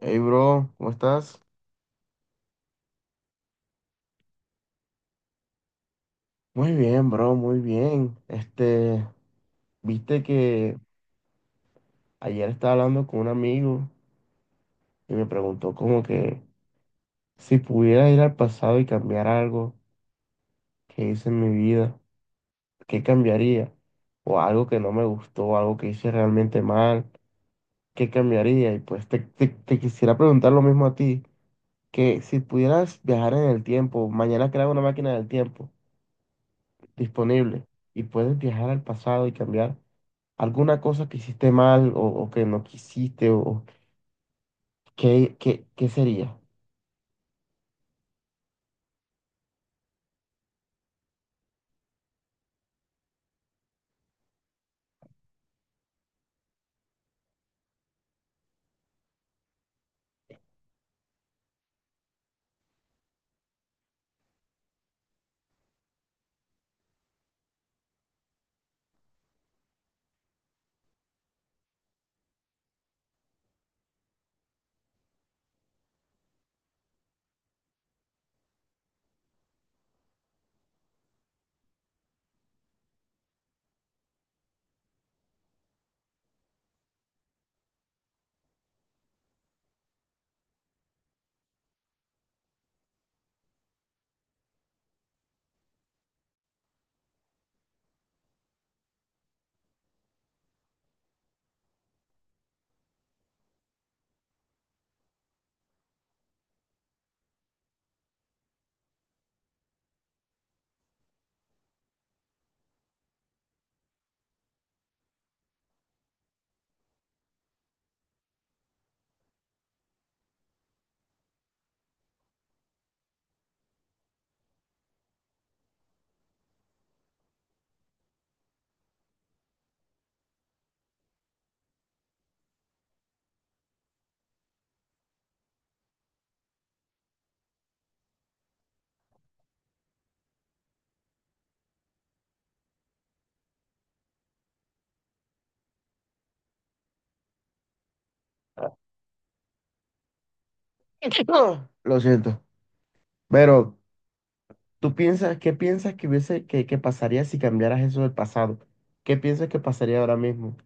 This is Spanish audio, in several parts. Hey, bro, ¿cómo estás? Muy bien, bro, muy bien. Este, viste que ayer estaba hablando con un amigo y me preguntó como que si pudiera ir al pasado y cambiar algo que hice en mi vida, ¿qué cambiaría? O algo que no me gustó, algo que hice realmente mal, ¿qué cambiaría? Y pues te quisiera preguntar lo mismo a ti, que si pudieras viajar en el tiempo, mañana crear una máquina del tiempo disponible y puedes viajar al pasado y cambiar alguna cosa que hiciste mal o que no quisiste o qué sería. Lo siento. Pero, ¿tú piensas, qué piensas que hubiese, que pasaría si cambiaras eso del pasado? ¿Qué piensas que pasaría ahora mismo?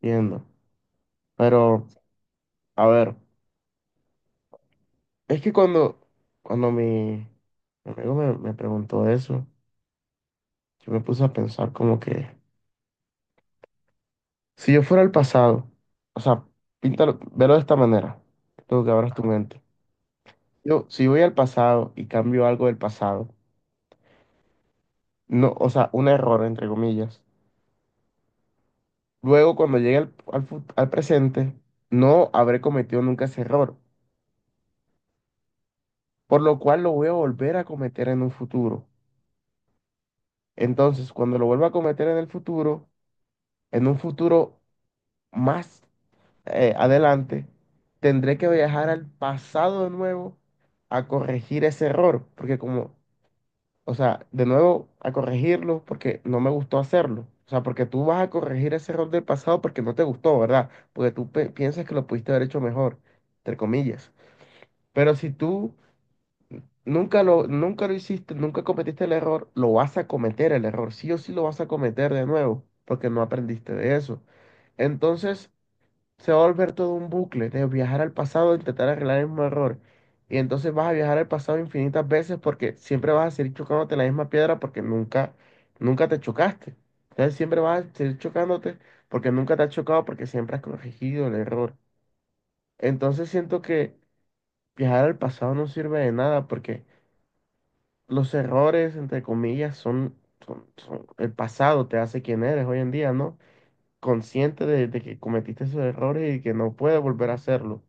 Viendo. Pero, a ver, es que cuando mi amigo me preguntó eso, yo me puse a pensar como que, si yo fuera el pasado, o sea, píntalo, velo de esta manera, tú que abras tu mente. Yo, si voy al pasado y cambio algo del pasado, no, o sea, un error, entre comillas, luego cuando llegue al, al presente, no habré cometido nunca ese error, por lo cual lo voy a volver a cometer en un futuro. Entonces, cuando lo vuelva a cometer en el futuro, en un futuro más adelante, tendré que viajar al pasado de nuevo a corregir ese error, porque como, o sea, de nuevo, a corregirlo porque no me gustó hacerlo. O sea, porque tú vas a corregir ese error del pasado porque no te gustó, ¿verdad? Porque tú piensas que lo pudiste haber hecho mejor, entre comillas. Pero si tú nunca lo hiciste, nunca cometiste el error, lo vas a cometer el error. Sí o sí lo vas a cometer de nuevo porque no aprendiste de eso. Entonces, se va a volver todo un bucle de viajar al pasado, intentar arreglar el mismo error. Y entonces vas a viajar al pasado infinitas veces porque siempre vas a seguir chocándote en la misma piedra porque nunca te chocaste. Entonces siempre vas a seguir chocándote porque nunca te has chocado porque siempre has corregido el error. Entonces siento que viajar al pasado no sirve de nada porque los errores, entre comillas, el pasado te hace quien eres hoy en día, ¿no? Consciente de que cometiste esos errores y que no puedes volver a hacerlo.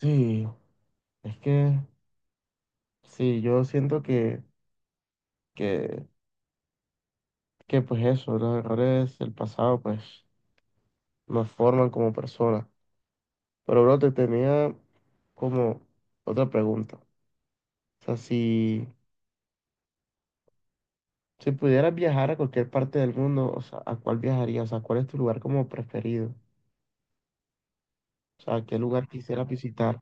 Sí, es que sí, yo siento que, que pues eso, los errores del pasado pues nos forman como personas. Pero bro, te tenía como otra pregunta. O sea, si pudieras viajar a cualquier parte del mundo, o sea, ¿a cuál viajarías? O sea, ¿cuál es tu lugar como preferido? O sea, ¿qué lugar quisieras visitar?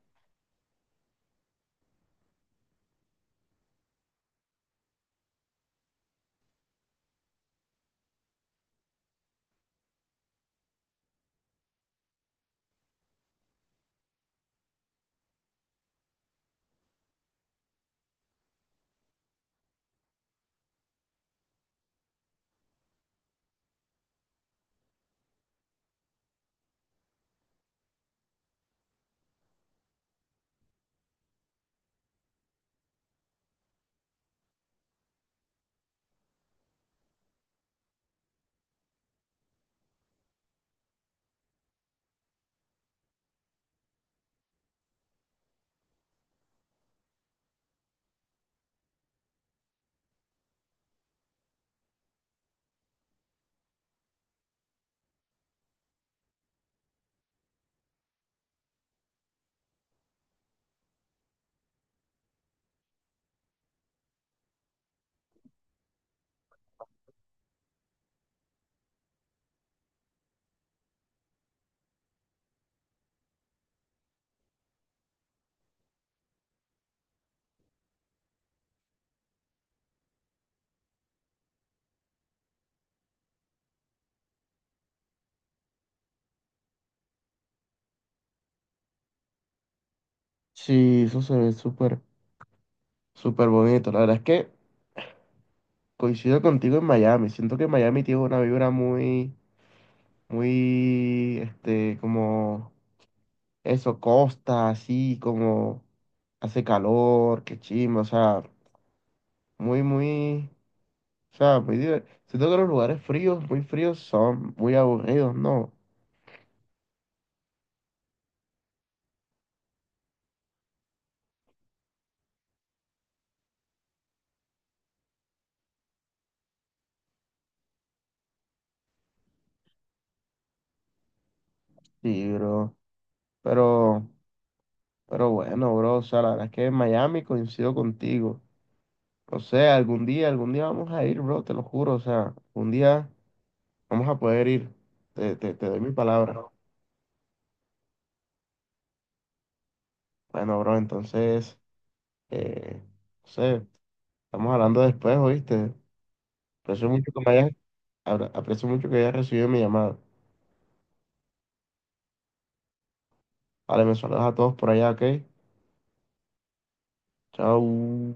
Sí, eso se ve súper bonito. La verdad es que coincido contigo en Miami. Siento que Miami tiene una vibra muy muy, este, como eso, costa, así, como hace calor, qué chimba, o sea, muy, muy, o sea, muy divertido. Siento que los lugares fríos, muy fríos, son muy aburridos, ¿no? Sí, bro, pero, pero bueno, bro, o sea, la verdad es que en Miami coincido contigo. O sea, algún día vamos a ir, bro, te lo juro, o sea, un día vamos a poder ir, te doy mi palabra. Bueno, bro, entonces, eh, no sé. Estamos hablando después, ¿oíste? Aprecio mucho que me hayas, aprecio mucho que hayas recibido mi llamada. Vale, me saludas a todos por allá, ¿ok? Chao.